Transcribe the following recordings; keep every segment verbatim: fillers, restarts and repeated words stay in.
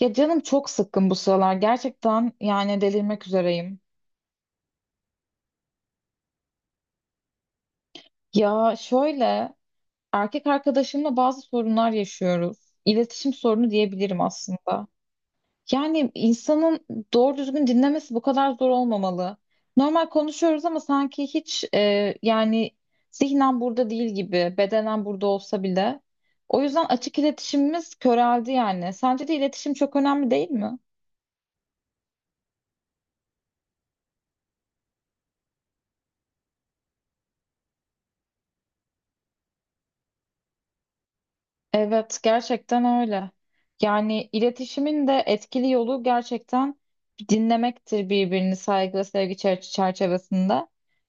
Ya canım çok sıkkın bu sıralar. Gerçekten yani delirmek üzereyim. Ya şöyle erkek arkadaşımla bazı sorunlar yaşıyoruz. İletişim sorunu diyebilirim aslında. Yani insanın doğru düzgün dinlemesi bu kadar zor olmamalı. Normal konuşuyoruz ama sanki hiç e, yani zihnen burada değil gibi, bedenen burada olsa bile. O yüzden açık iletişimimiz köreldi yani. Sence de iletişim çok önemli değil mi? Evet, gerçekten öyle. Yani iletişimin de etkili yolu gerçekten dinlemektir birbirini saygı ve sevgi çer- çerçevesinde.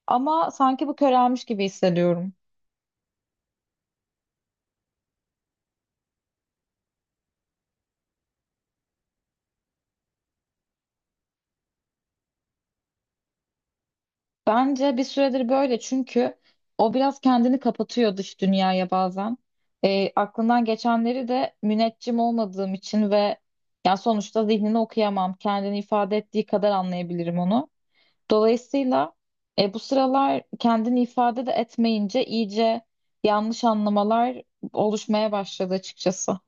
Ama sanki bu körelmiş gibi hissediyorum. Bence bir süredir böyle çünkü o biraz kendini kapatıyor dış dünyaya bazen. E, aklından geçenleri de müneccim olmadığım için ve ya sonuçta zihnini okuyamam. Kendini ifade ettiği kadar anlayabilirim onu. Dolayısıyla e, bu sıralar kendini ifade de etmeyince iyice yanlış anlamalar oluşmaya başladı açıkçası.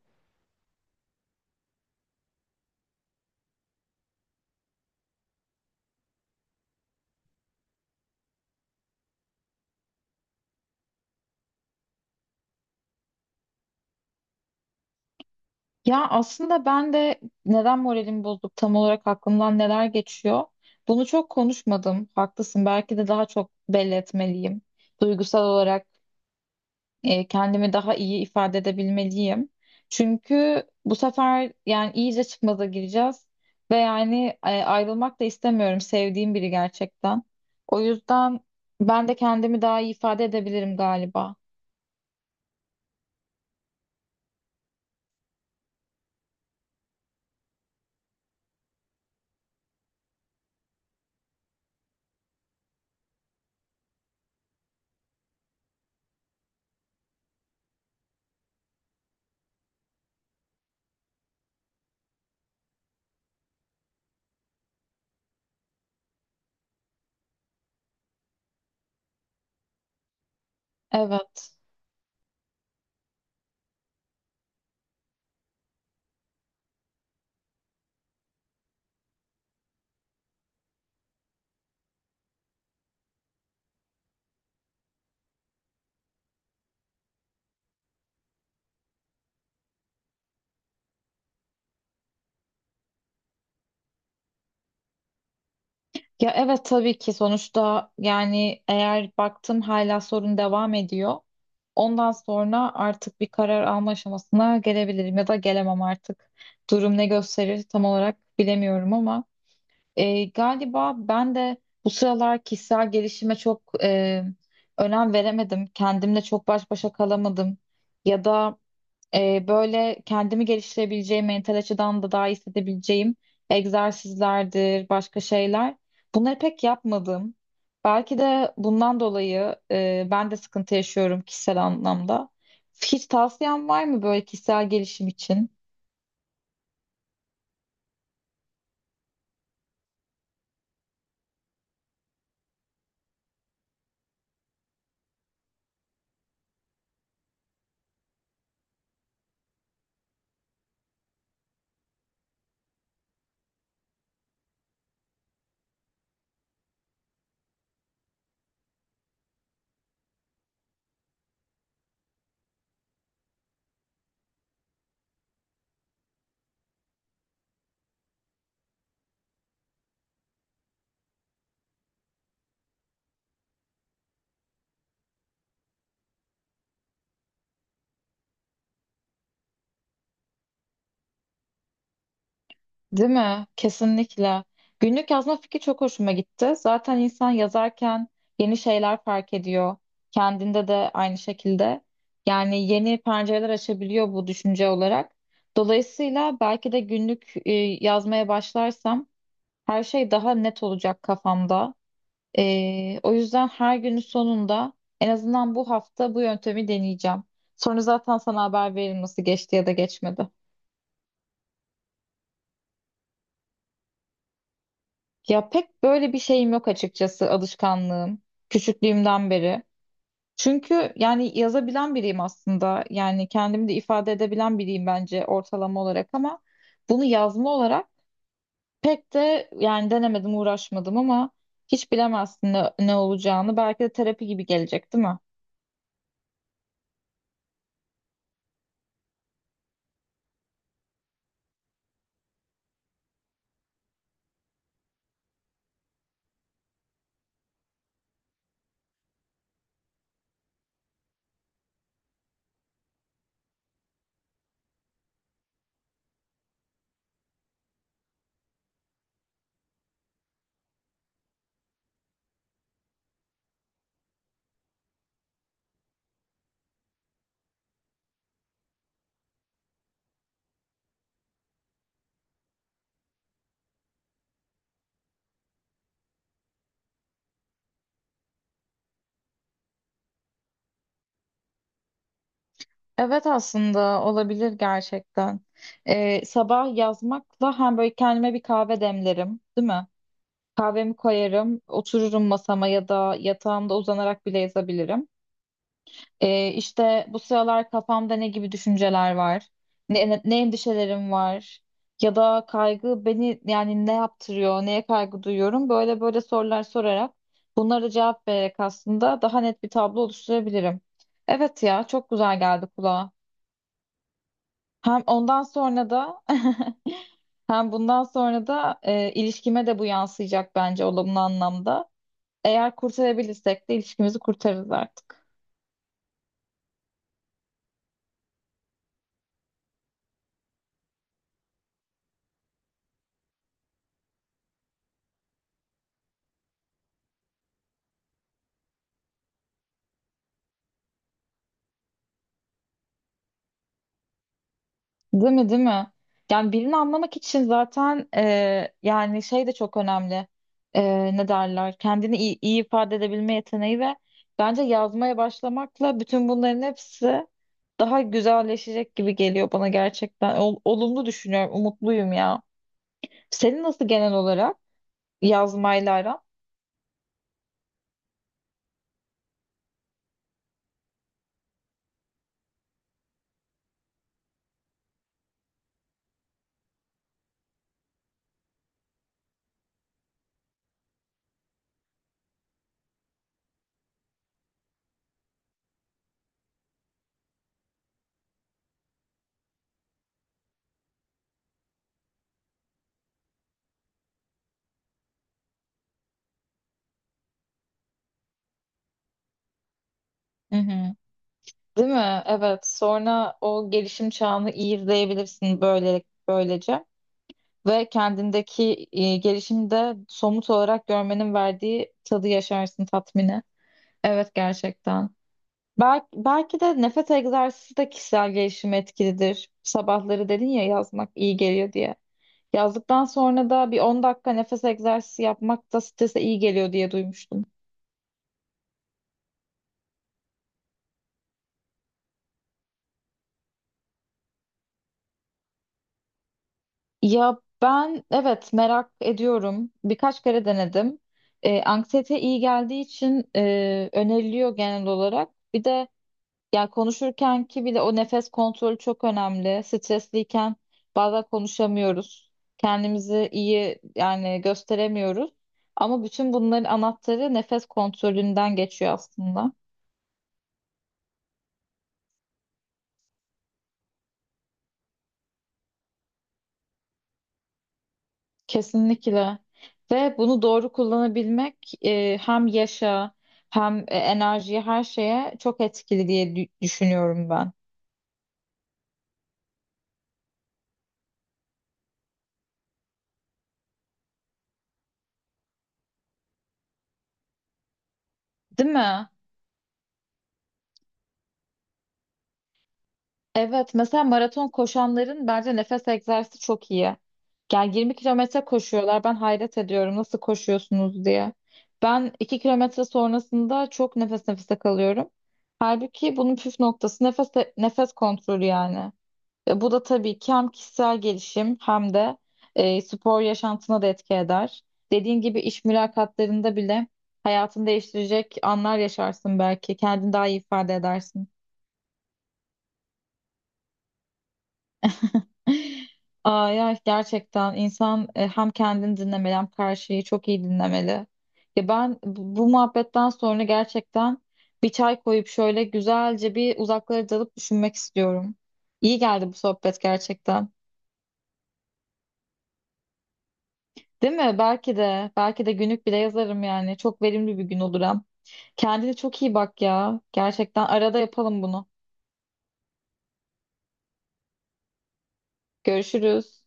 Ya aslında ben de neden moralimi bozduk tam olarak aklımdan neler geçiyor? Bunu çok konuşmadım. Haklısın. Belki de daha çok belli etmeliyim. Duygusal olarak e, kendimi daha iyi ifade edebilmeliyim. Çünkü bu sefer yani iyice çıkmaza gireceğiz ve yani e, ayrılmak da istemiyorum sevdiğim biri gerçekten. O yüzden ben de kendimi daha iyi ifade edebilirim galiba. Evet. Ya evet tabii ki sonuçta yani eğer baktım hala sorun devam ediyor. Ondan sonra artık bir karar alma aşamasına gelebilirim ya da gelemem artık. Durum ne gösterir tam olarak bilemiyorum ama. E, galiba ben de bu sıralar kişisel gelişime çok e, önem veremedim. Kendimle çok baş başa kalamadım. Ya da e, böyle kendimi geliştirebileceğim, mental açıdan da daha iyi hissedebileceğim egzersizlerdir, başka şeyler. Bunları pek yapmadım. Belki de bundan dolayı e, ben de sıkıntı yaşıyorum kişisel anlamda. Hiç tavsiyen var mı böyle kişisel gelişim için? Değil mi? Kesinlikle. Günlük yazma fikri çok hoşuma gitti. Zaten insan yazarken yeni şeyler fark ediyor. Kendinde de aynı şekilde. Yani yeni pencereler açabiliyor bu düşünce olarak. Dolayısıyla belki de günlük e, yazmaya başlarsam her şey daha net olacak kafamda. E, o yüzden her günün sonunda en azından bu hafta bu yöntemi deneyeceğim. Sonra zaten sana haber veririm nasıl geçti ya da geçmedi. Ya pek böyle bir şeyim yok açıkçası alışkanlığım küçüklüğümden beri. Çünkü yani yazabilen biriyim aslında. Yani kendimi de ifade edebilen biriyim bence ortalama olarak ama bunu yazma olarak pek de yani denemedim, uğraşmadım ama hiç bilemezsin ne, ne olacağını. Belki de terapi gibi gelecek, değil mi? Evet aslında olabilir gerçekten. Ee, sabah yazmakla hem böyle kendime bir kahve demlerim, değil mi? Kahvemi koyarım, otururum masama ya da yatağımda uzanarak bile yazabilirim. Ee, işte bu sıralar kafamda ne gibi düşünceler var, ne, ne, endişelerim var ya da kaygı beni yani ne yaptırıyor, neye kaygı duyuyorum böyle böyle sorular sorarak bunlara cevap vererek aslında daha net bir tablo oluşturabilirim. Evet ya çok güzel geldi kulağa. Hem ondan sonra da hem bundan sonra da e, ilişkime de bu yansıyacak bence olumlu anlamda. Eğer kurtarabilirsek de ilişkimizi kurtarırız artık. Değil mi, değil mi? Yani birini anlamak için zaten e, yani şey de çok önemli. E, ne derler? Kendini iyi, iyi ifade edebilme yeteneği ve bence yazmaya başlamakla bütün bunların hepsi daha güzelleşecek gibi geliyor bana gerçekten. Ol- olumlu düşünüyorum, umutluyum ya. Senin nasıl genel olarak yazmayla aran? Hı hı. Değil mi? Evet. Sonra o gelişim çağını iyi izleyebilirsin böyle böylece ve kendindeki e, gelişimi de somut olarak görmenin verdiği tadı yaşarsın tatmini. Evet gerçekten. Belki, belki de nefes egzersizi de kişisel gelişime etkilidir. Sabahları dedin ya yazmak iyi geliyor diye. Yazdıktan sonra da bir on dakika nefes egzersizi yapmak da strese iyi geliyor diye duymuştum. Ya ben evet merak ediyorum. Birkaç kere denedim. E, anksiyete iyi geldiği için e, öneriliyor genel olarak. Bir de ya konuşurken ki bile o nefes kontrolü çok önemli. Stresliyken bazen konuşamıyoruz. Kendimizi iyi yani gösteremiyoruz. Ama bütün bunların anahtarı nefes kontrolünden geçiyor aslında. Kesinlikle. Ve bunu doğru kullanabilmek e, hem yaşa hem e, enerjiye her şeye çok etkili diye dü- düşünüyorum ben. Değil mi? Evet. Mesela maraton koşanların bence nefes egzersizi çok iyi. Yani 20 kilometre koşuyorlar. Ben hayret ediyorum nasıl koşuyorsunuz diye. Ben iki kilometre sonrasında çok nefes nefese kalıyorum. Halbuki bunun püf noktası nefes nefes kontrolü yani. E, bu da tabii ki hem kişisel gelişim hem de e, spor yaşantına da etki eder. Dediğin gibi iş mülakatlarında bile hayatını değiştirecek anlar yaşarsın belki. Kendini daha iyi ifade edersin. Aa, ya gerçekten insan e, hem kendini dinlemeli hem karşıyı çok iyi dinlemeli. Ya ben bu bu muhabbetten sonra gerçekten bir çay koyup şöyle güzelce bir uzaklara dalıp düşünmek istiyorum. İyi geldi bu sohbet gerçekten. Değil mi? Belki de. Belki de günlük bile yazarım yani. Çok verimli bir gün olur hem. Kendine çok iyi bak ya. Gerçekten arada yapalım bunu. Görüşürüz.